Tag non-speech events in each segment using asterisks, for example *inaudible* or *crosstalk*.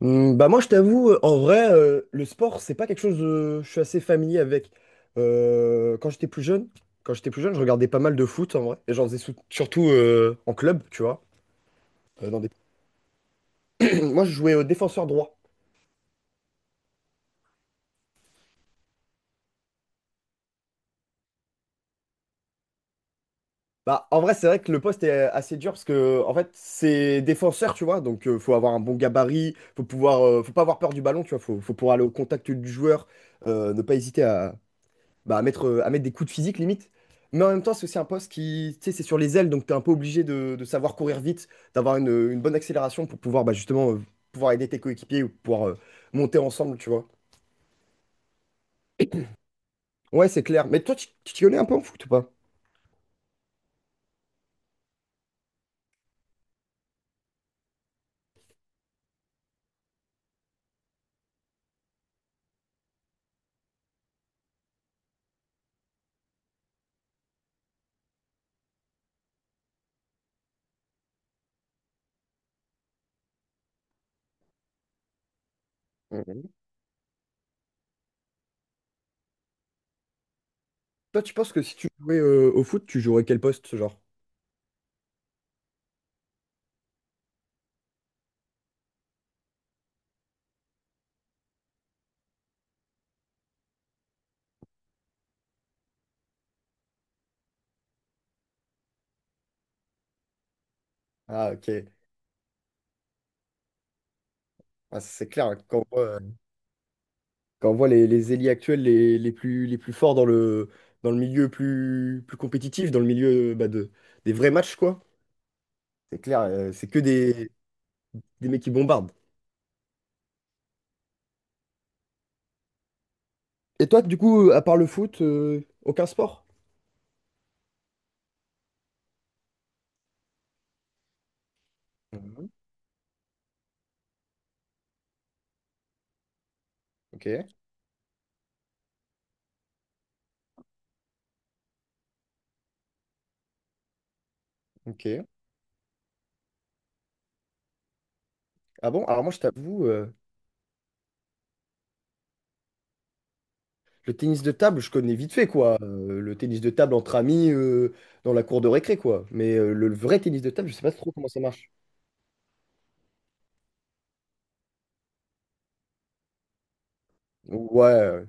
Bah moi je t'avoue, en vrai, le sport, c'est pas quelque chose je suis assez familier avec. Euh, quand j'étais plus jeune, quand j'étais plus jeune, je regardais pas mal de foot en vrai. Et j'en faisais surtout en club, tu vois. euh, dans des- *clears throat* Moi je jouais au défenseur droit. Bah en vrai c'est vrai que le poste est assez dur parce que en fait c'est défenseur, tu vois. Donc faut avoir un bon gabarit, faut pouvoir, faut pas avoir peur du ballon, tu vois. Faut pouvoir aller au contact du joueur, ne pas hésiter à mettre des coups de physique limite. Mais en même temps, c'est aussi un poste qui, tu sais, c'est sur les ailes, donc tu es un peu obligé de savoir courir vite, d'avoir une bonne accélération pour pouvoir bah, justement pouvoir aider tes coéquipiers ou pouvoir monter ensemble, tu vois. Ouais, c'est clair. Mais toi, tu t'y connais un peu en foot ou pas? Mhm. Toi, tu penses que si tu jouais au foot, tu jouerais quel poste, ce genre? Ah, ok. Ah, c'est clair, hein, quand on voit les ailiers actuels les plus forts dans dans le milieu plus compétitif, dans le milieu bah, des vrais matchs, quoi. C'est clair, c'est que des mecs qui bombardent. Et toi, du coup, à part le foot, aucun sport? Mhm. Ok, ok. Ah bon? Alors moi, je t'avoue, le tennis de table, je connais vite fait, quoi. Le tennis de table entre amis dans la cour de récré, quoi. Mais le vrai tennis de table, je sais pas trop comment ça marche. Ouais.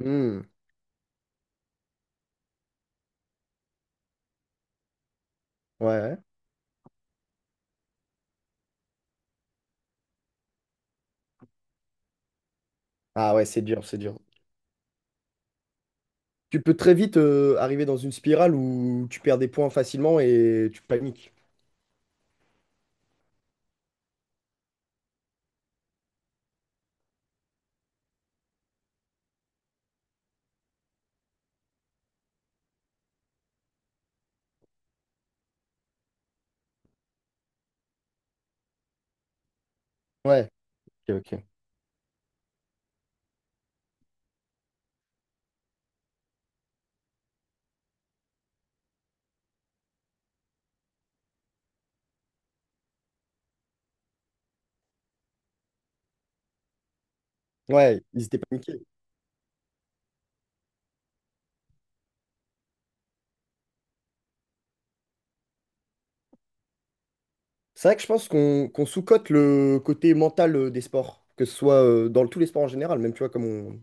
Hmm. Ouais. Ah ouais, c'est dur, c'est dur. Tu peux très vite arriver dans une spirale où tu perds des points facilement et tu paniques. Ouais. Ok, ok. Ouais, ils étaient paniqués. C'est vrai que je pense qu'on sous-cote le côté mental des sports, que ce soit tous les sports en général, même tu vois, comme on,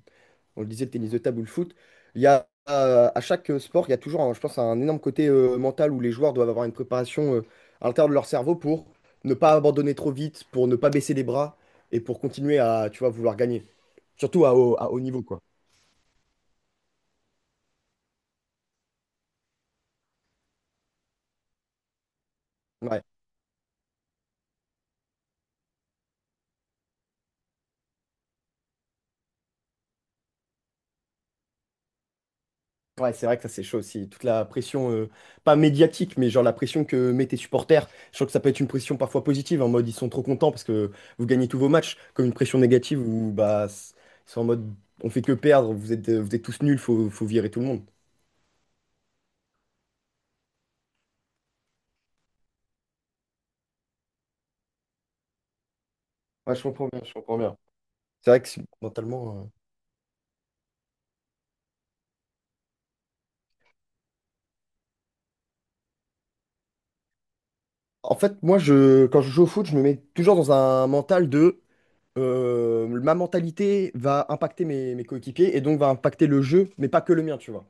on le disait, le tennis de table ou le foot, il y a à chaque sport, il y a toujours, je pense, un énorme côté mental où les joueurs doivent avoir une préparation à l'intérieur de leur cerveau pour ne pas abandonner trop vite, pour ne pas baisser les bras et pour continuer à, tu vois, vouloir gagner, surtout à haut niveau, quoi. Ouais. Ouais, c'est vrai que ça c'est chaud aussi. Toute la pression, pas médiatique, mais genre la pression que mettent tes supporters. Je trouve que ça peut être une pression parfois positive, en mode ils sont trop contents parce que vous gagnez tous vos matchs, comme une pression négative où bah ils sont en mode on fait que perdre, vous êtes tous nuls, faut virer tout le monde. Ouais, je comprends bien, je comprends bien. C'est vrai que mentalement. En fait, moi je quand je joue au foot, je me mets toujours dans un mental de ma mentalité va impacter mes coéquipiers et donc va impacter le jeu, mais pas que le mien, tu vois.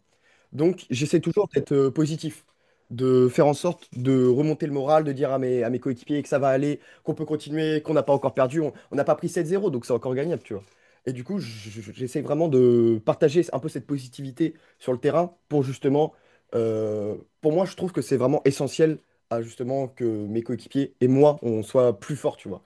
Donc, j'essaie toujours d'être positif, de faire en sorte de remonter le moral, de dire à mes coéquipiers que ça va aller, qu'on peut continuer, qu'on n'a pas encore perdu. On n'a pas pris 7-0 donc c'est encore gagnable, tu vois. Et du coup, j'essaie vraiment de partager un peu cette positivité sur le terrain pour justement, euh, pour moi, je trouve que c'est vraiment essentiel à justement que mes coéquipiers et moi, on soit plus forts, tu vois.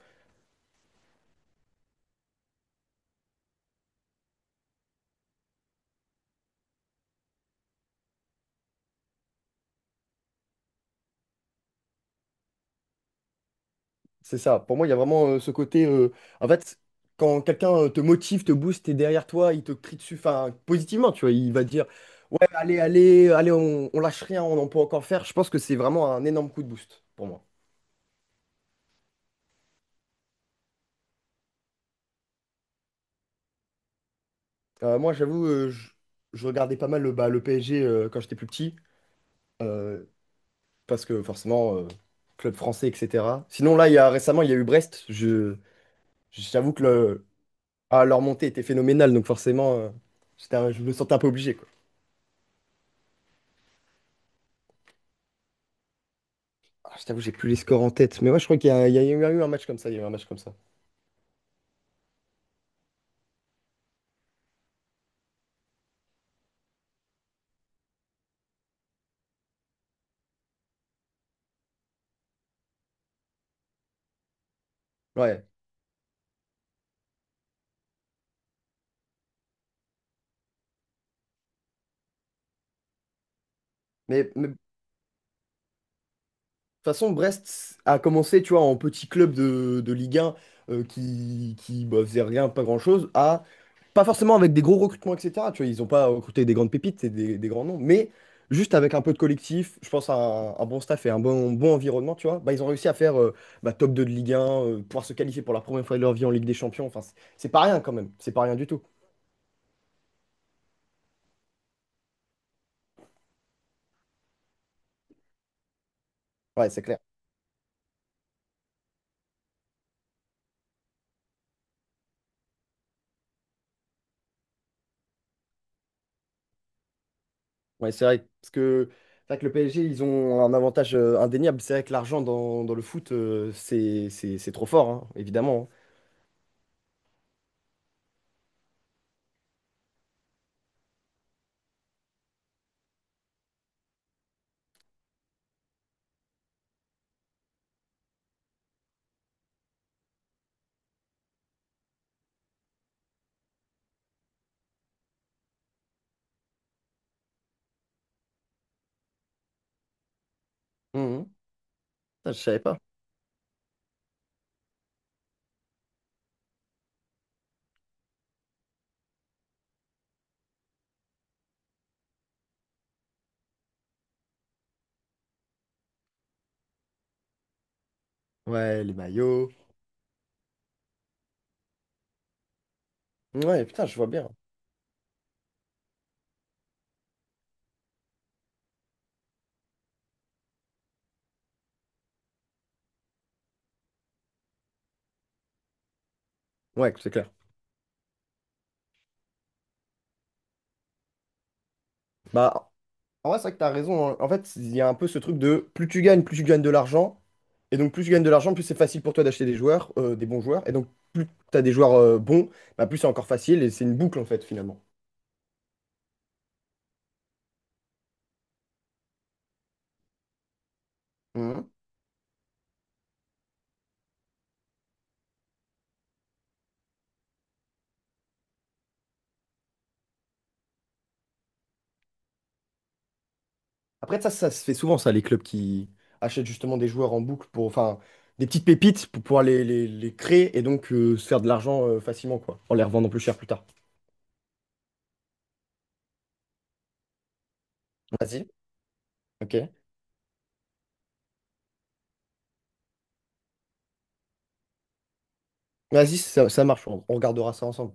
C'est ça. Pour moi, il y a vraiment ce côté. En fait, quand quelqu'un te motive, te booste, t'es derrière toi, il te crie dessus, enfin, positivement, tu vois, il va te dire, ouais, allez, allez, allez, on lâche rien, on en peut encore faire. Je pense que c'est vraiment un énorme coup de boost pour moi. Moi, j'avoue, je regardais pas mal le PSG quand j'étais plus petit, euh, parce que forcément, club français, etc. Sinon, là, récemment, il y a eu Brest. Je, j'avoue que le- Ah, leur montée était phénoménale, donc forcément, je me sentais un peu obligé, quoi. Ah, je t'avoue, j'ai plus les scores en tête. Mais ouais, je crois qu'il y a eu un match comme ça. Il y a eu un match comme ça. Ouais. Mais de toute façon, Brest a commencé, tu vois, en petit club de Ligue 1 qui bah, faisait rien, pas grand-chose, à pas forcément avec des gros recrutements, etc. Tu vois, ils n'ont pas recruté des grandes pépites et des grands noms, mais juste avec un peu de collectif, je pense à un bon staff et un bon environnement, tu vois, bah, ils ont réussi à faire bah, top 2 de Ligue 1, pouvoir se qualifier pour la première fois de leur vie en Ligue des Champions. Enfin, c'est pas rien quand même. C'est pas rien du tout. Ouais, c'est clair. Ouais, c'est vrai, parce que, c'est vrai que le PSG, ils ont un avantage indéniable. C'est vrai que l'argent dans le foot, c'est trop fort, hein, évidemment. Hein. Mhm. Putain, je savais pas. Ouais, les maillots. Ouais, putain, je vois bien. Ouais, c'est clair. Bah, en vrai, c'est vrai que t'as raison, hein. En fait, il y a un peu ce truc de plus tu gagnes de l'argent. Et donc, plus tu gagnes de l'argent, plus c'est facile pour toi d'acheter des joueurs, des bons joueurs. Et donc, plus t'as des joueurs bons, bah, plus c'est encore facile. Et c'est une boucle, en fait, finalement. Après, ça se fait souvent, ça, les clubs qui achètent justement des joueurs en boucle pour, enfin, des petites pépites pour pouvoir les créer et donc se faire de l'argent facilement, quoi, en les revendant plus cher plus tard. Vas-y. Ok. Vas-y, ça marche, on regardera ça ensemble.